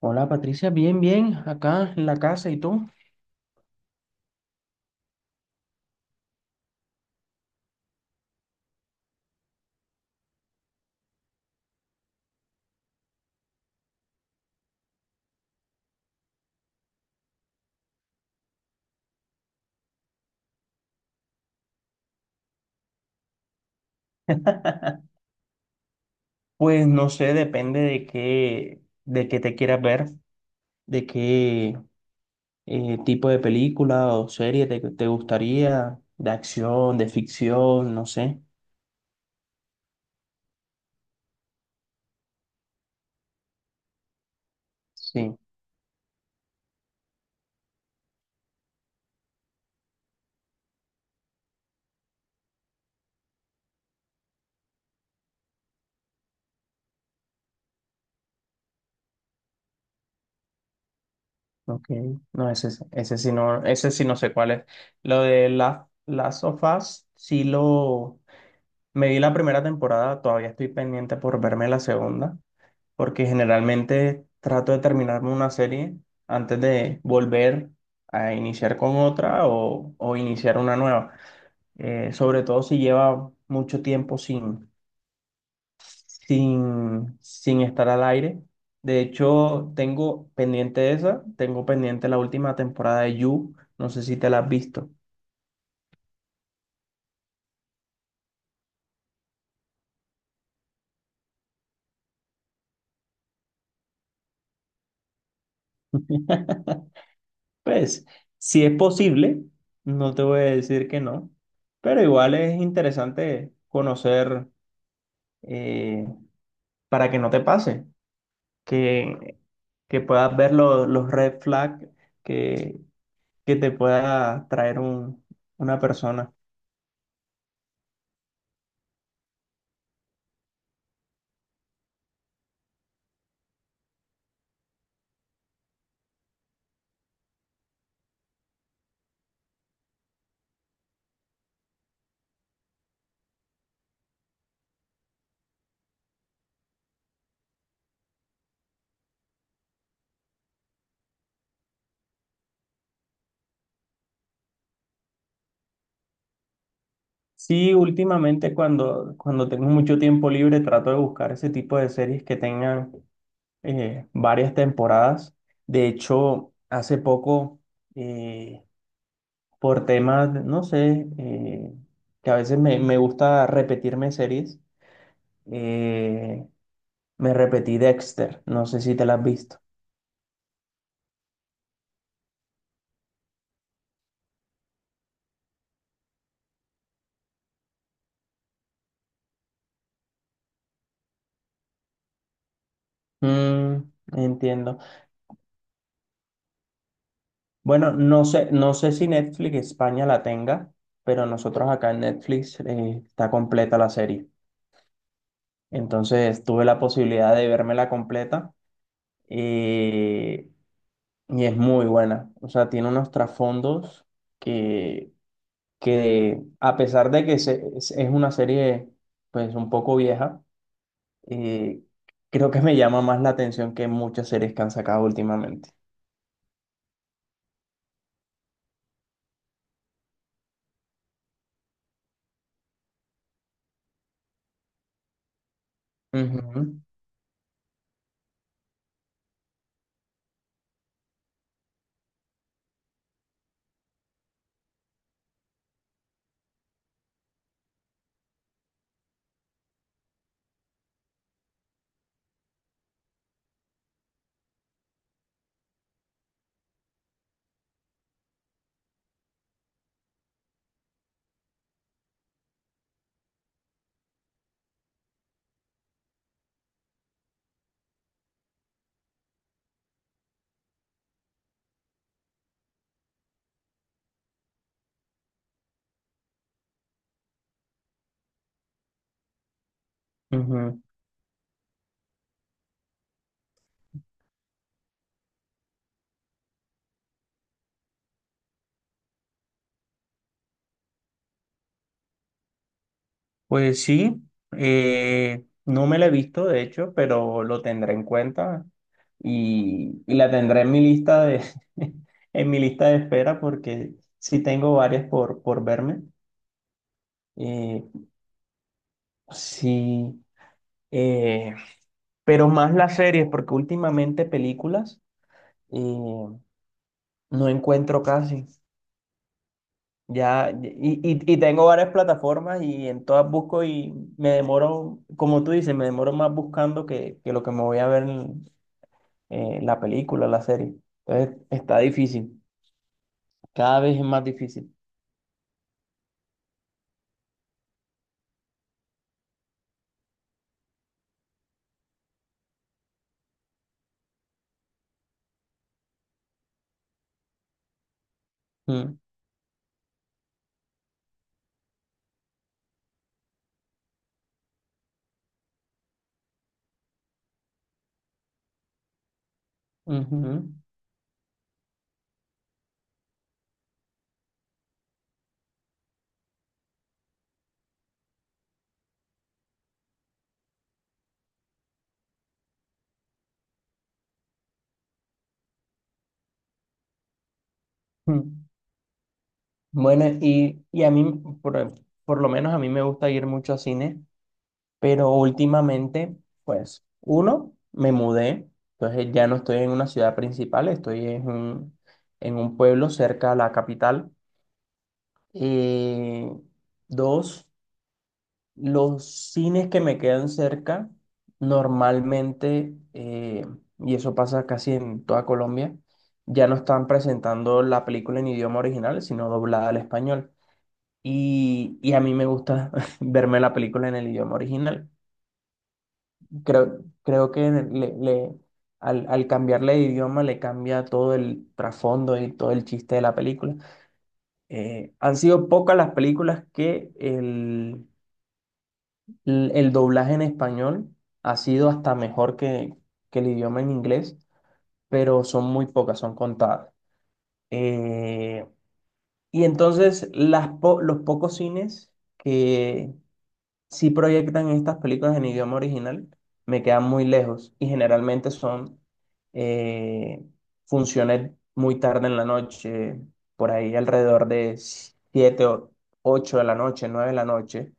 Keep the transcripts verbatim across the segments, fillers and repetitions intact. Hola Patricia, bien, bien, acá en la casa, ¿y tú? Pues no sé, depende de qué, de qué te quieras ver, de qué eh, tipo de película o serie te, te gustaría, de acción, de ficción, no sé. Sí, ok. No, ese, es- ese sí no, ese sí no sé cuál es. Lo de la, Last of Us, sí, lo, me vi la primera temporada, todavía estoy pendiente por verme la segunda. Porque generalmente trato de terminarme una serie antes de volver a iniciar con otra o, o iniciar una nueva. Eh, sobre todo si lleva mucho tiempo sin, sin, sin estar al aire. De hecho, tengo pendiente esa, tengo pendiente la última temporada de You, no sé si te la has visto. Pues, si es posible, no te voy a decir que no, pero igual es interesante conocer eh, para que no te pase, que, que puedas ver lo- los red flags que, que te pueda traer un- una persona. Sí, últimamente cuando, cuando tengo mucho tiempo libre trato de buscar ese tipo de series que tengan eh, varias temporadas. De hecho, hace poco, eh, por temas, no sé, eh, que a veces me, me gusta repetirme series, eh, me repetí Dexter, no sé si te la has visto. Mm, entiendo. Bueno, no sé, no sé si Netflix España la tenga, pero nosotros acá en Netflix eh, está completa la serie. Entonces tuve la posibilidad de vérmela completa eh, y es muy buena. O sea, tiene unos trasfondos que, que a pesar de que se- es es una serie, pues, un poco vieja, eh, creo que me llama más la atención que muchas series que han sacado últimamente. Ujú, ujú. Pues sí, eh, no me la he visto de hecho, pero lo tendré en cuenta y, y la tendré en mi lista de en mi lista de espera porque sí tengo varias por, por verme. Eh, sí, eh, pero más las series porque últimamente películas eh, no encuentro casi. Ya, y, y, y tengo varias plataformas y en todas busco y me demoro, como tú dices, me demoro más buscando que, que lo que me voy a ver eh, la película, la serie. Entonces está difícil, cada vez es más difícil. Mm, ujú, mm. Bueno, y, y a mí, por, por lo menos a mí me gusta ir mucho a cine, pero últimamente, pues, uno, me mudé, entonces ya no estoy en una ciudad principal, estoy en un, en un pueblo cerca a la capital. Eh, Dos, Los cines que me quedan cerca, normalmente, eh, y eso pasa casi en toda Colombia, ya no están presentando la película en idioma original, sino doblada al español. Y, y a mí me gusta verme la película en el idioma original. Creo, creo que le, le- al, al cambiarle de idioma le cambia todo el trasfondo y todo el chiste de la película. Eh, han sido pocas las películas que el l- El doblaje en español ha sido hasta mejor que, que el idioma en inglés, pero son muy pocas, son contadas. Eh, y entonces las po- los pocos cines que, si proyectan estas películas en idioma original, me quedan muy lejos y generalmente son eh, funciones muy tarde en la noche, por ahí alrededor de siete o ocho de la noche, nueve de la noche.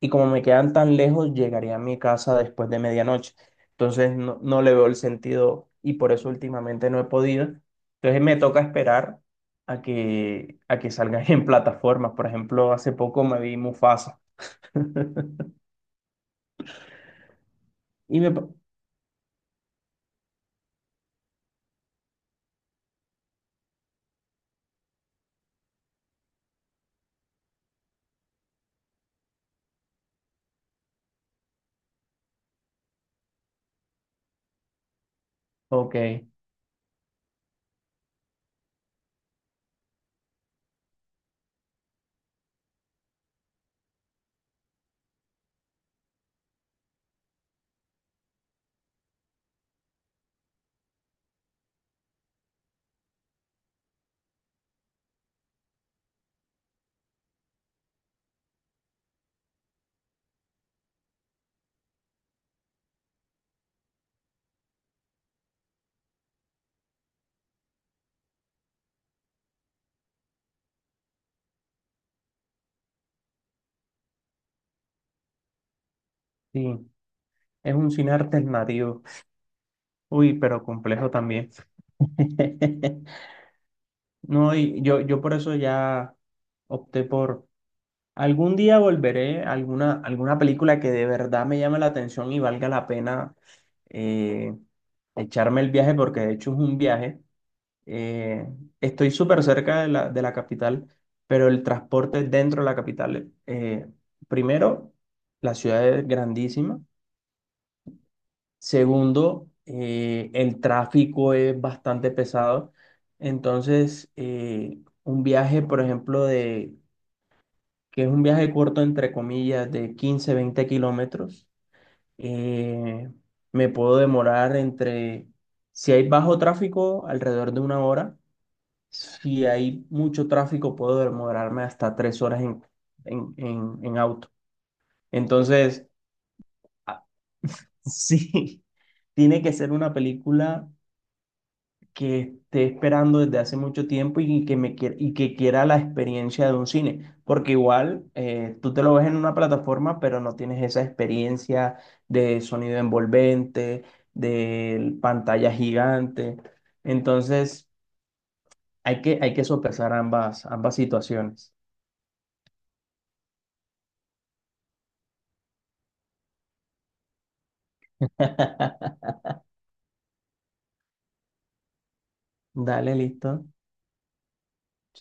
Y como me quedan tan lejos, llegaría a mi casa después de medianoche. Entonces no, no le veo el sentido y por eso últimamente no he podido. Entonces me toca esperar a que, a que salgan en plataformas. Por ejemplo, hace poco me vi Mufasa. Y me, Ok, sí, es un cine alternativo. Uy, pero complejo también. No, y yo, yo, por eso ya opté por algún día volveré a alguna, alguna película que de verdad me llame la atención y valga la pena eh, echarme el viaje, porque de hecho es un viaje. Eh, Estoy súper cerca de la, de la capital, pero el transporte dentro de la capital, eh, primero, la ciudad es grandísima. Segundo, eh, el tráfico es bastante pesado. Entonces, eh, un viaje, por ejemplo, de, que es un viaje corto, entre comillas, de quince veinte kilómetros, eh, me puedo demorar entre, si hay bajo tráfico, alrededor de una hora. Si hay mucho tráfico, puedo demorarme hasta tres horas en, en, en en auto. Entonces, a- sí, tiene que ser una película que esté esperando desde hace mucho tiempo y que me quiera, y que quiera la experiencia de un cine, porque igual eh, tú te lo ves en una plataforma, pero no tienes esa experiencia de sonido envolvente, de pantalla gigante. Entonces, hay que, hay que sopesar ambas, ambas situaciones. Dale, listo. Chaito.